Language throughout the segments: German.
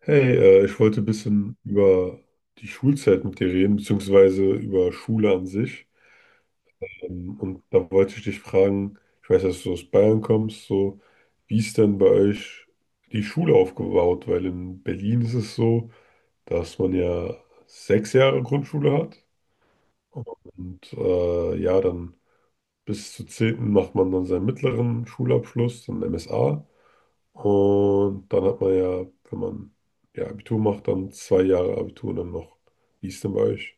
Hey, ich wollte ein bisschen über die Schulzeit mit dir reden, beziehungsweise über Schule an sich. Und da wollte ich dich fragen, ich weiß, dass du aus Bayern kommst, so, wie ist denn bei euch die Schule aufgebaut? Weil in Berlin ist es so, dass man ja sechs Jahre Grundschule hat und ja, dann bis zur zehnten macht man dann seinen mittleren Schulabschluss, dann MSA. Und dann hat man ja, wenn man ja Abitur macht, dann zwei Jahre Abitur und dann noch. Wie ist denn bei euch?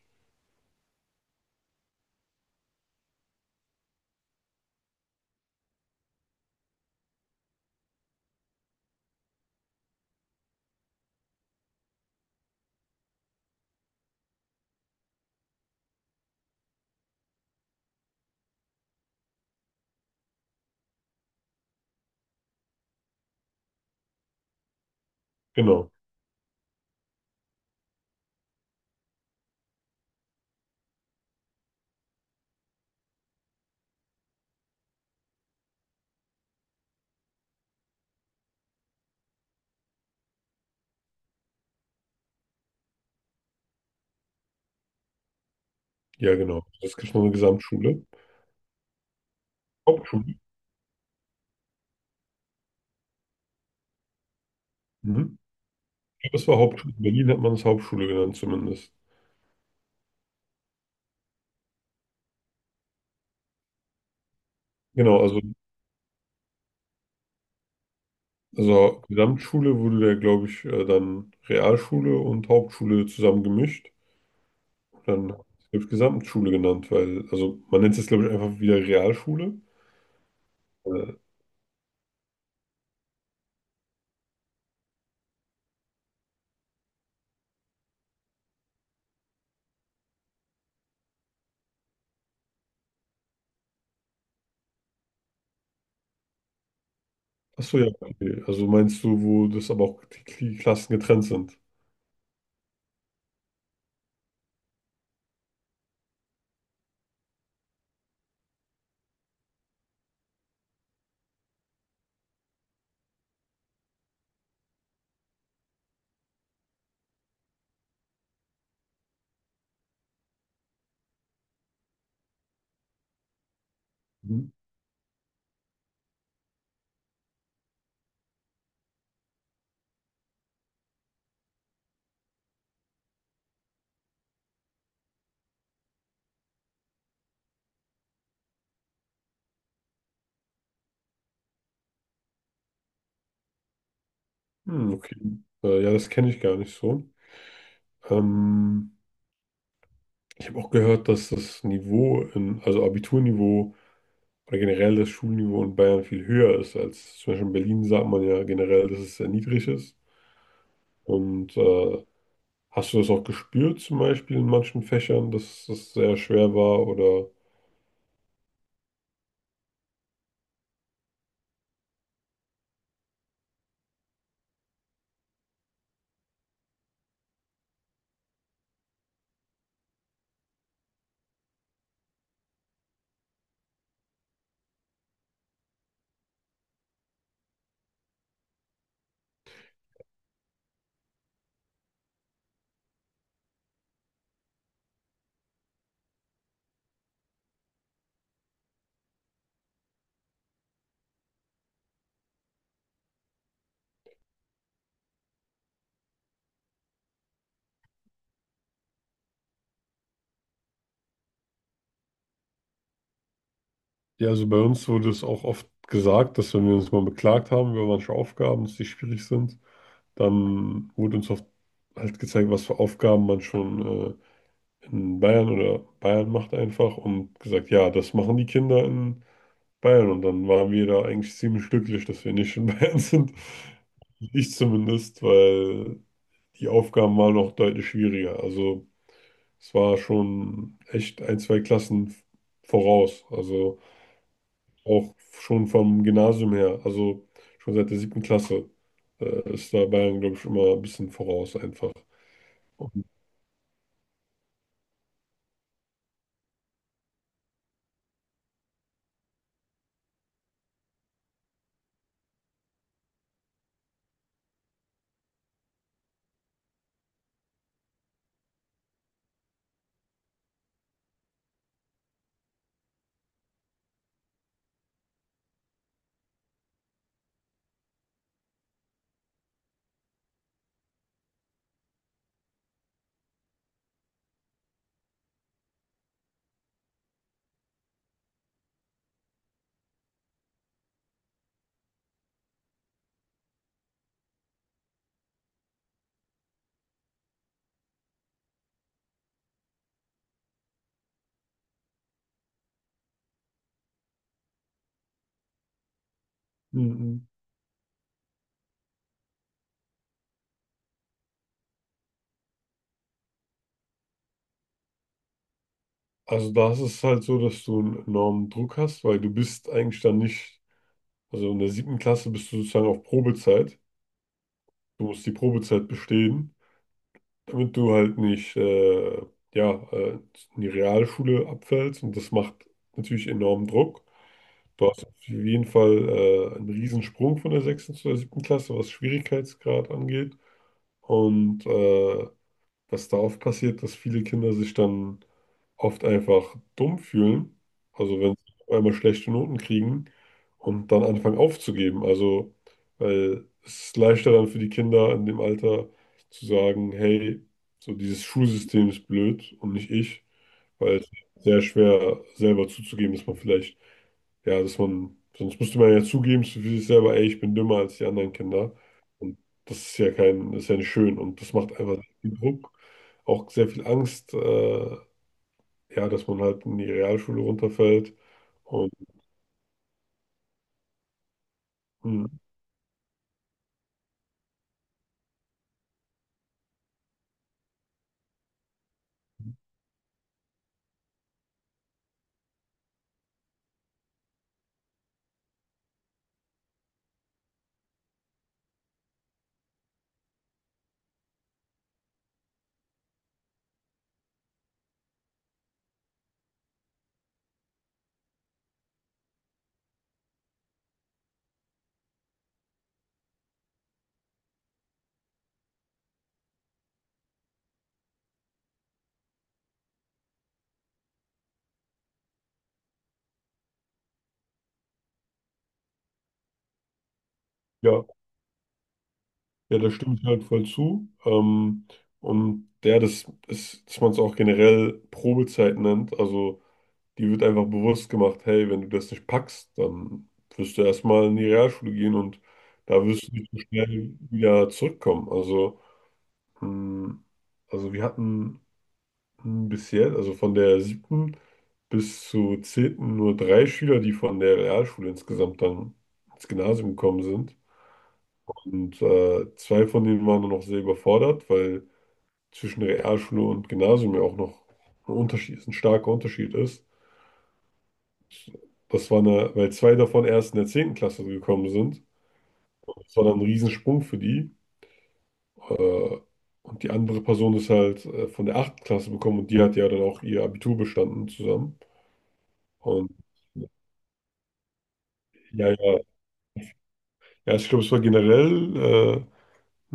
Genau, ja, genau. Es gibt noch eine Gesamtschule. Hauptschule. Mhm. Ich glaube, es war Hauptschule. In Berlin hat man es Hauptschule genannt zumindest. Genau, also Gesamtschule wurde da, glaube ich, dann Realschule und Hauptschule zusammen gemischt. Dann wird es Gesamtschule genannt, weil, also man nennt es, glaube ich, einfach wieder Realschule. Äh, Achso, ja, okay. Also meinst du, wo das aber auch die Klassen getrennt sind? Mhm. Hm, okay. Ja, das kenne ich gar nicht so. Ähm, Ich habe auch gehört, dass das Niveau, in, also Abiturniveau oder generell das Schulniveau in Bayern viel höher ist als zum Beispiel in Berlin, sagt man ja generell, dass es sehr niedrig ist. Und hast du das auch gespürt, zum Beispiel in manchen Fächern, dass das sehr schwer war? Oder ja, also bei uns wurde es auch oft gesagt, dass wenn wir uns mal beklagt haben über manche Aufgaben, dass die schwierig sind, dann wurde uns oft halt gezeigt, was für Aufgaben man schon in Bayern oder Bayern macht einfach und gesagt, ja, das machen die Kinder in Bayern. Und dann waren wir da eigentlich ziemlich glücklich, dass wir nicht in Bayern sind. Ich zumindest, weil die Aufgaben waren noch deutlich schwieriger. Also es war schon echt ein, zwei Klassen voraus. Also auch schon vom Gymnasium her, also schon seit der siebten Klasse, ist da Bayern, glaube ich, immer ein bisschen voraus einfach. Also da ist es halt so, dass du einen enormen Druck hast, weil du bist eigentlich dann nicht, also in der siebten Klasse bist du sozusagen auf Probezeit. Du musst die Probezeit bestehen, damit du halt nicht, ja, in die Realschule abfällst und das macht natürlich enormen Druck. Du hast auf jeden Fall einen Riesensprung von der sechsten zur siebten Klasse, was Schwierigkeitsgrad angeht. Und was da oft passiert, dass viele Kinder sich dann oft einfach dumm fühlen, also wenn sie auf einmal schlechte Noten kriegen und dann anfangen aufzugeben. Also, weil es ist leichter dann für die Kinder in dem Alter zu sagen, hey, so dieses Schulsystem ist blöd und nicht ich, weil es ist sehr schwer selber zuzugeben, dass man vielleicht, ja, dass man, sonst müsste man ja zugeben für sich selber, ey, ich bin dümmer als die anderen Kinder. Und das ist ja kein, das ist ja nicht schön und das macht einfach sehr viel Druck, auch sehr viel Angst, ja, dass man halt in die Realschule runterfällt. Und mh, ja, ja, da stimme ich halt voll zu. Und ja, das ist, dass man es auch generell Probezeit nennt, also die wird einfach bewusst gemacht, hey, wenn du das nicht packst, dann wirst du erstmal in die Realschule gehen und da wirst du nicht so schnell wieder zurückkommen. Also, mh, also wir hatten bis, also von der siebten bis zur zehnten nur drei Schüler, die von der Realschule insgesamt dann ins Gymnasium gekommen sind. Und zwei von denen waren dann noch sehr überfordert, weil zwischen Realschule und Gymnasium ja auch noch ein starker Unterschied ist. Das war eine, weil zwei davon erst in der 10. Klasse gekommen sind. Das war dann ein Riesensprung für die. Äh, und die andere Person ist halt von der achten Klasse gekommen und die hat ja dann auch ihr Abitur bestanden zusammen. Und ja, ja, ja, ich glaube, es war generell äh,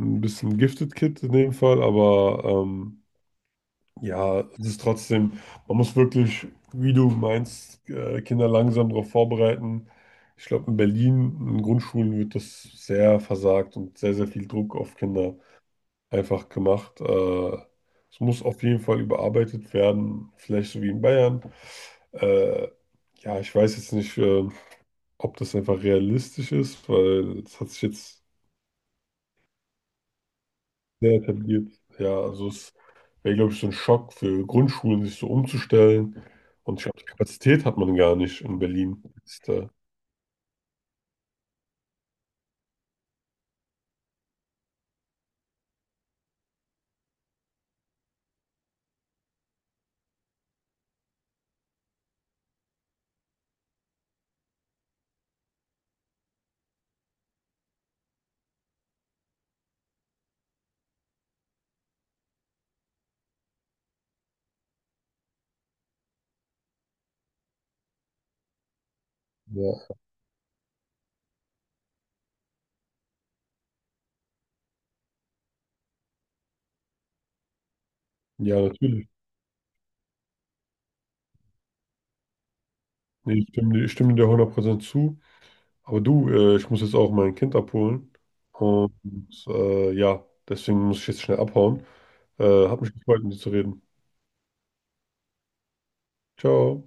ein bisschen Gifted Kid in dem Fall, aber ja, es ist trotzdem, man muss wirklich, wie du meinst, Kinder langsam darauf vorbereiten. Ich glaube, in Berlin, in Grundschulen wird das sehr versagt und sehr, sehr viel Druck auf Kinder einfach gemacht. Es muss auf jeden Fall überarbeitet werden, vielleicht so wie in Bayern. Äh, ja, ich weiß jetzt nicht, ob das einfach realistisch ist, weil es hat sich jetzt sehr etabliert. Ja, also es wäre, glaube ich, so ein Schock für Grundschulen, sich so umzustellen. Und ich glaube, die Kapazität hat man gar nicht in Berlin. Ist, ja. Ja, natürlich. Nee, ich stimme dir 100% zu. Aber du, ich muss jetzt auch mein Kind abholen. Und ja, deswegen muss ich jetzt schnell abhauen. Hat mich gefreut, mit dir zu reden. Ciao.